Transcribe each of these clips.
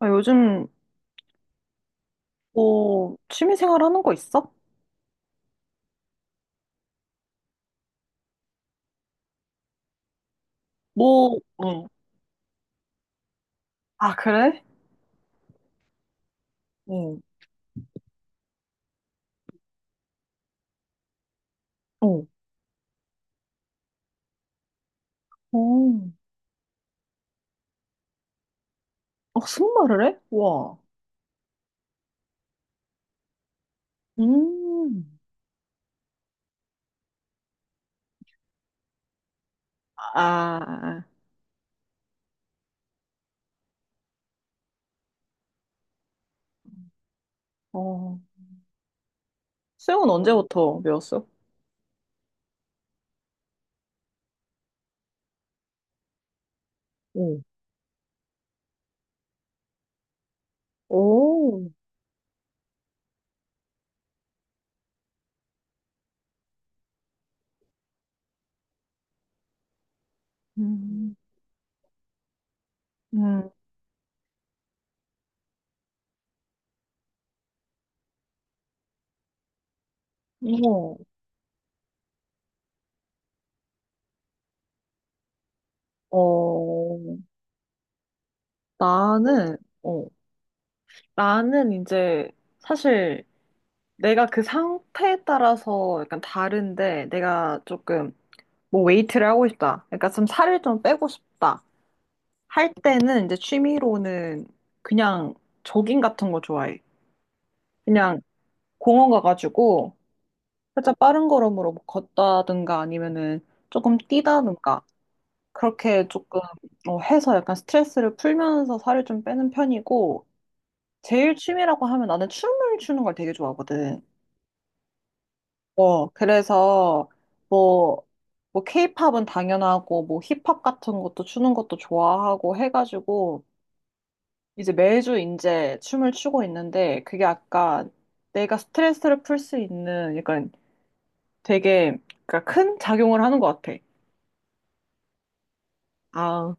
아, 요즘 뭐 취미 생활 하는 거 있어? 뭐, 응, 아, 그래? 응, 응. 어, 어, 승마를 해? 와. 음, 아, 어. 수영은 언제부터 배웠어? 응. 오, 음, 음, 어. 어, 나는, 어, 나는 이제 사실 내가 그 상태에 따라서 약간 다른데 내가 조금 뭐 웨이트를 하고 싶다. 그러니까 좀 살을 좀 빼고 싶다. 할 때는 이제 취미로는 그냥 조깅 같은 거 좋아해. 그냥 공원 가가지고 살짝 빠른 걸음으로 뭐 걷다든가 아니면은 조금 뛰다든가 그렇게 조금 해서 약간 스트레스를 풀면서 살을 좀 빼는 편이고 제일 취미라고 하면 나는 춤을 추는 걸 되게 좋아하거든. 그래서 뭐, 뭐 케이팝은 당연하고 뭐 힙합 같은 것도 추는 것도 좋아하고 해가지고 이제 매주 이제 춤을 추고 있는데 그게 아까 내가 스트레스를 풀 수 있는 약간 되게 그러니까 큰 작용을 하는 것 같아. 아,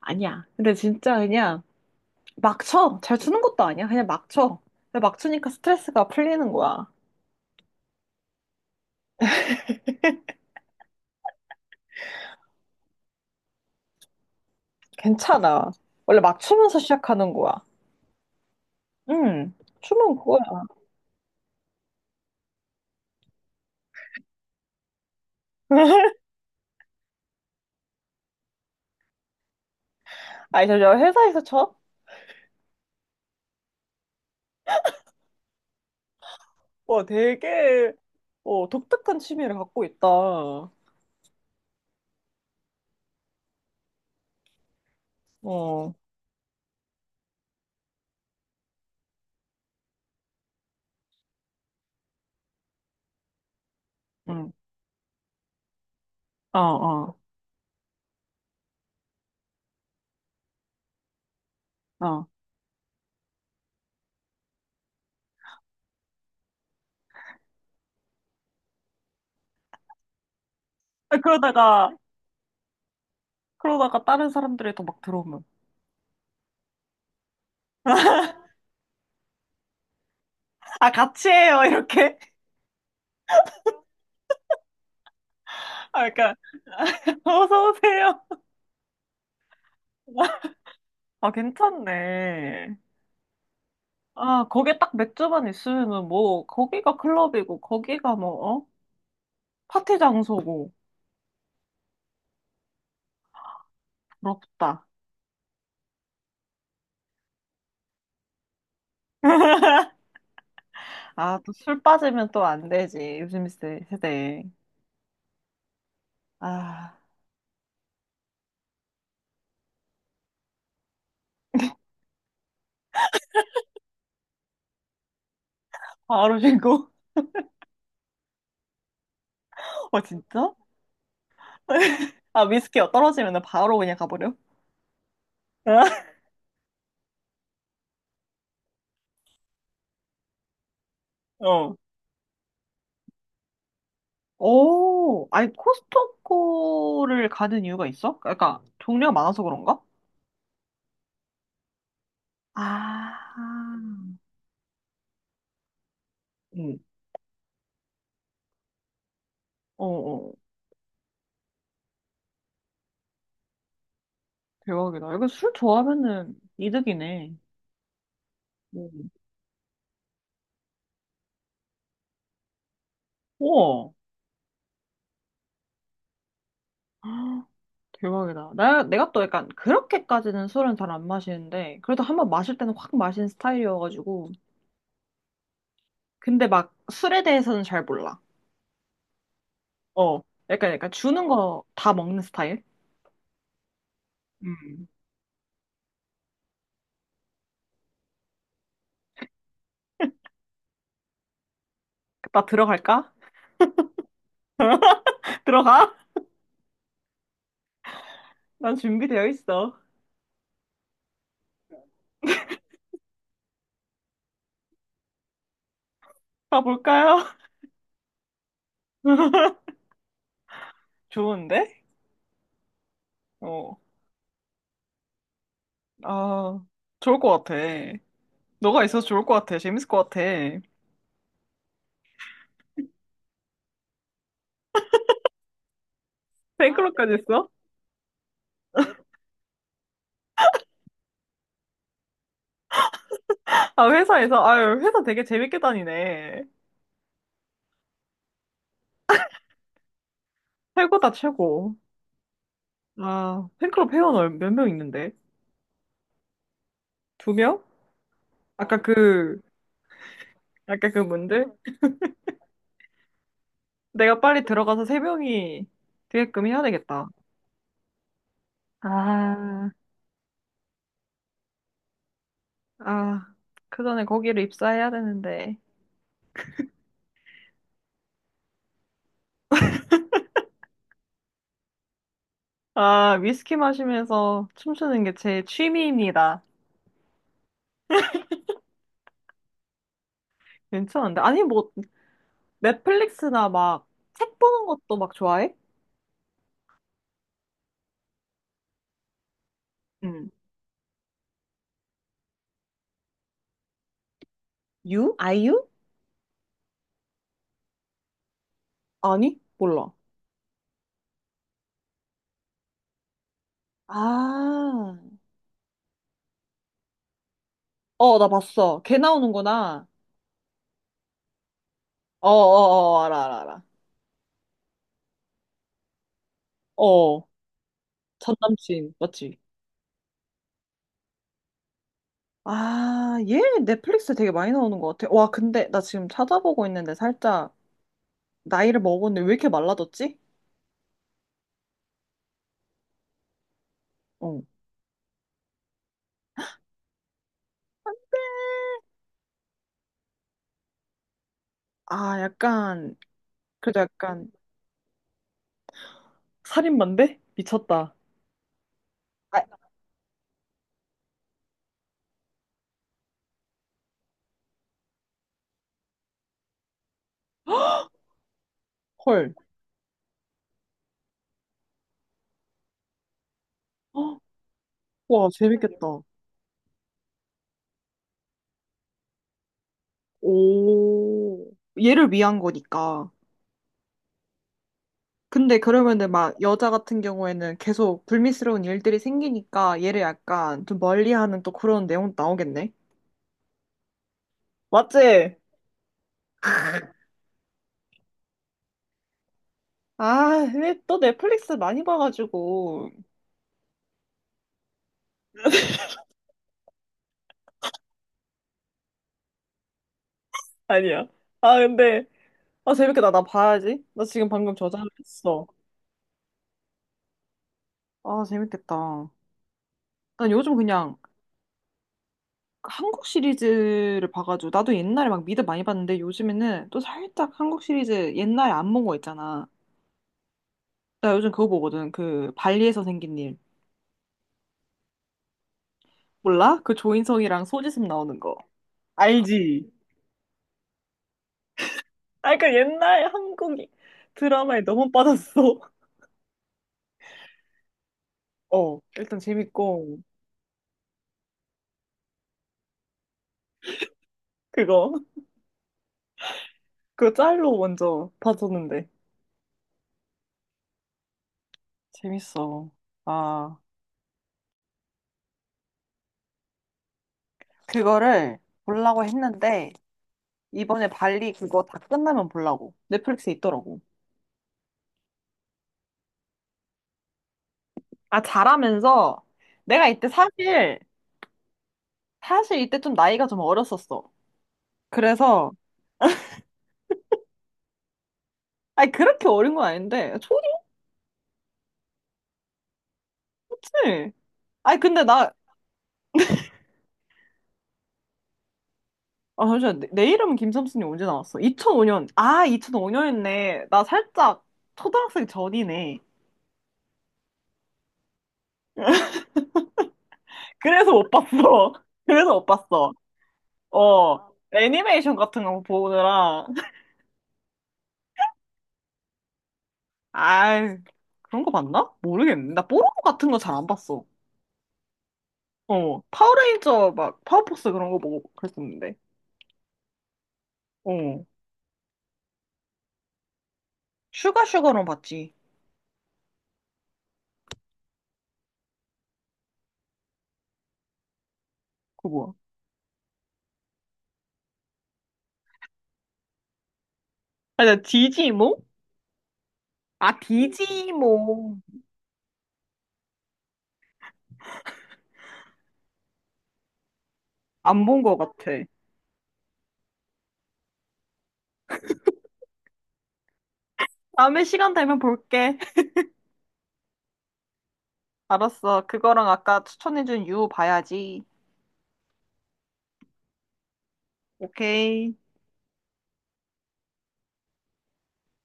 아니야. 근데 진짜 그냥 막 쳐. 잘 추는 것도 아니야. 그냥 막 쳐. 근데 막 추니까 스트레스가 풀리는 거야. 괜찮아. 원래 막 추면서 시작하는 거야. 응. 춤은 그거야. 아니, 저 회사에서 쳐? 와, 되게, 독특한 취미를 갖고 있다. 어, 응, 어, 어, 어. 아, 그러다가 다른 사람들이 또 막 들어오면, 아, 같이 해요, 이렇게. 아, 그러니까, 어서 오세요. 아, 괜찮네. 아, 거기에 딱 맥주만 있으면은 뭐, 거기가 클럽이고, 거기가 뭐, 어? 파티 장소고, 부럽다. 아, 또 술 빠지면 또 안 되지. 요즘 세대. 아, 바로 신고. 어, 진짜? 아, 위스키가 떨어지면 바로 그냥 가버려? 어. 오, 아니, 코스트코를 가는 이유가 있어? 그러니까, 종류가 많아서 그런가? 아, 응. 어, 어. 대박이다. 이거 술 좋아하면은 이득이네. 응. 우와, 대박이다. 내가 또 약간 그렇게까지는 술은 잘 안 마시는데, 그래도 한번 마실 때는 확 마신 스타일이어가지고. 근데 막 술에 대해서는 잘 몰라. 어, 약간 주는 거 다 먹는 스타일? 음. 나 들어갈까? 들어가? 난 준비되어 있어. 가볼까요? 좋은데? 어, 아, 좋을 것 같아. 너가 있어서 좋을 것 같아. 재밌을 것 같아. 뱅클럽까지 했어? 아, 회사에서? 아유, 회사 되게 재밌게 다니네. 최고다, 최고. 아, 팬클럽 회원 몇 명 있는데? 두 명? 아까 그, 아까 그 분들? 내가 빨리 들어가서 세 명이 되게끔 해야 되겠다. 아, 아, 그 전에 거기를 입사해야 되는데. 아, 위스키 마시면서 춤추는 게 제 취미입니다. 괜찮은데. 아니, 뭐, 넷플릭스나 막, 책 보는 것도 막 좋아해? 응. 유? 아이유? 아니, 몰라. 아, 나 봤어. 걔 나오는구나. 어, 어, 어, 어, 알아, 알아, 알아. 어, 전 남친, 맞지? 아, 얘 넷플릭스 되게 많이 나오는 것 같아. 와, 근데 나 지금 찾아보고 있는데 살짝 나이를 먹었는데 왜 이렇게 말라졌지? 어. 아, 약간, 그래도 약간 살인마인데? 미쳤다. 아, 헐. 헉, 와, 재밌겠다. 오, 얘를 위한 거니까. 근데 그러면은 막 여자 같은 경우에는 계속 불미스러운 일들이 생기니까 얘를 약간 좀 멀리하는 또 그런 내용 나오겠네. 맞지? 아, 근데 또 넷플릭스 많이 봐가지고. 아니야. 아, 근데, 재밌겠다. 나 봐야지. 나 지금 방금 저장을 했어. 아, 재밌겠다. 난 요즘 그냥 한국 시리즈를 봐가지고 나도 옛날에 막 미드 많이 봤는데 요즘에는 또 살짝 한국 시리즈 옛날에 안 본 거 있잖아. 나 요즘 그거 보거든. 그 발리에서 생긴 일. 몰라? 그 조인성이랑 소지섭 나오는 거. 알지? 아, 그 옛날 한국 드라마에 너무 빠졌어. 일단 재밌고 그거. 그거 짤로 먼저 봐줬는데 재밌어. 아, 그거를 보려고 했는데 이번에 발리 그거 다 끝나면 보려고. 넷플릭스에 있더라고. 아, 잘하면서 내가 이때 사실 이때 좀 나이가 좀 어렸었어. 그래서, 아니, 그렇게 어린 건 아닌데, 초딩이지? 아니, 근데 아, 잠시만, 내 이름은 김삼순이 언제 나왔어? 2005년. 아, 2005년이네. 나 살짝 초등학생 전이네. 그래서 못 봤어. 그래서 못 봤어. 애니메이션 같은 거 보느라. 아이, 그런 거 봤나? 모르겠네. 나 뽀로로 같은 거 잘 안 봤어. 파워레인저 막 파워포스 그런 거 보고 그랬었는데. 어. 슈가 슈가는 봤지. 그거 뭐야? 아, 나 디지몽? 아, 디지몽. 안 본 것 같아. 다음에 시간 되면 볼게. 알았어. 그거랑 아까 추천해준 유 봐야지. 오케이.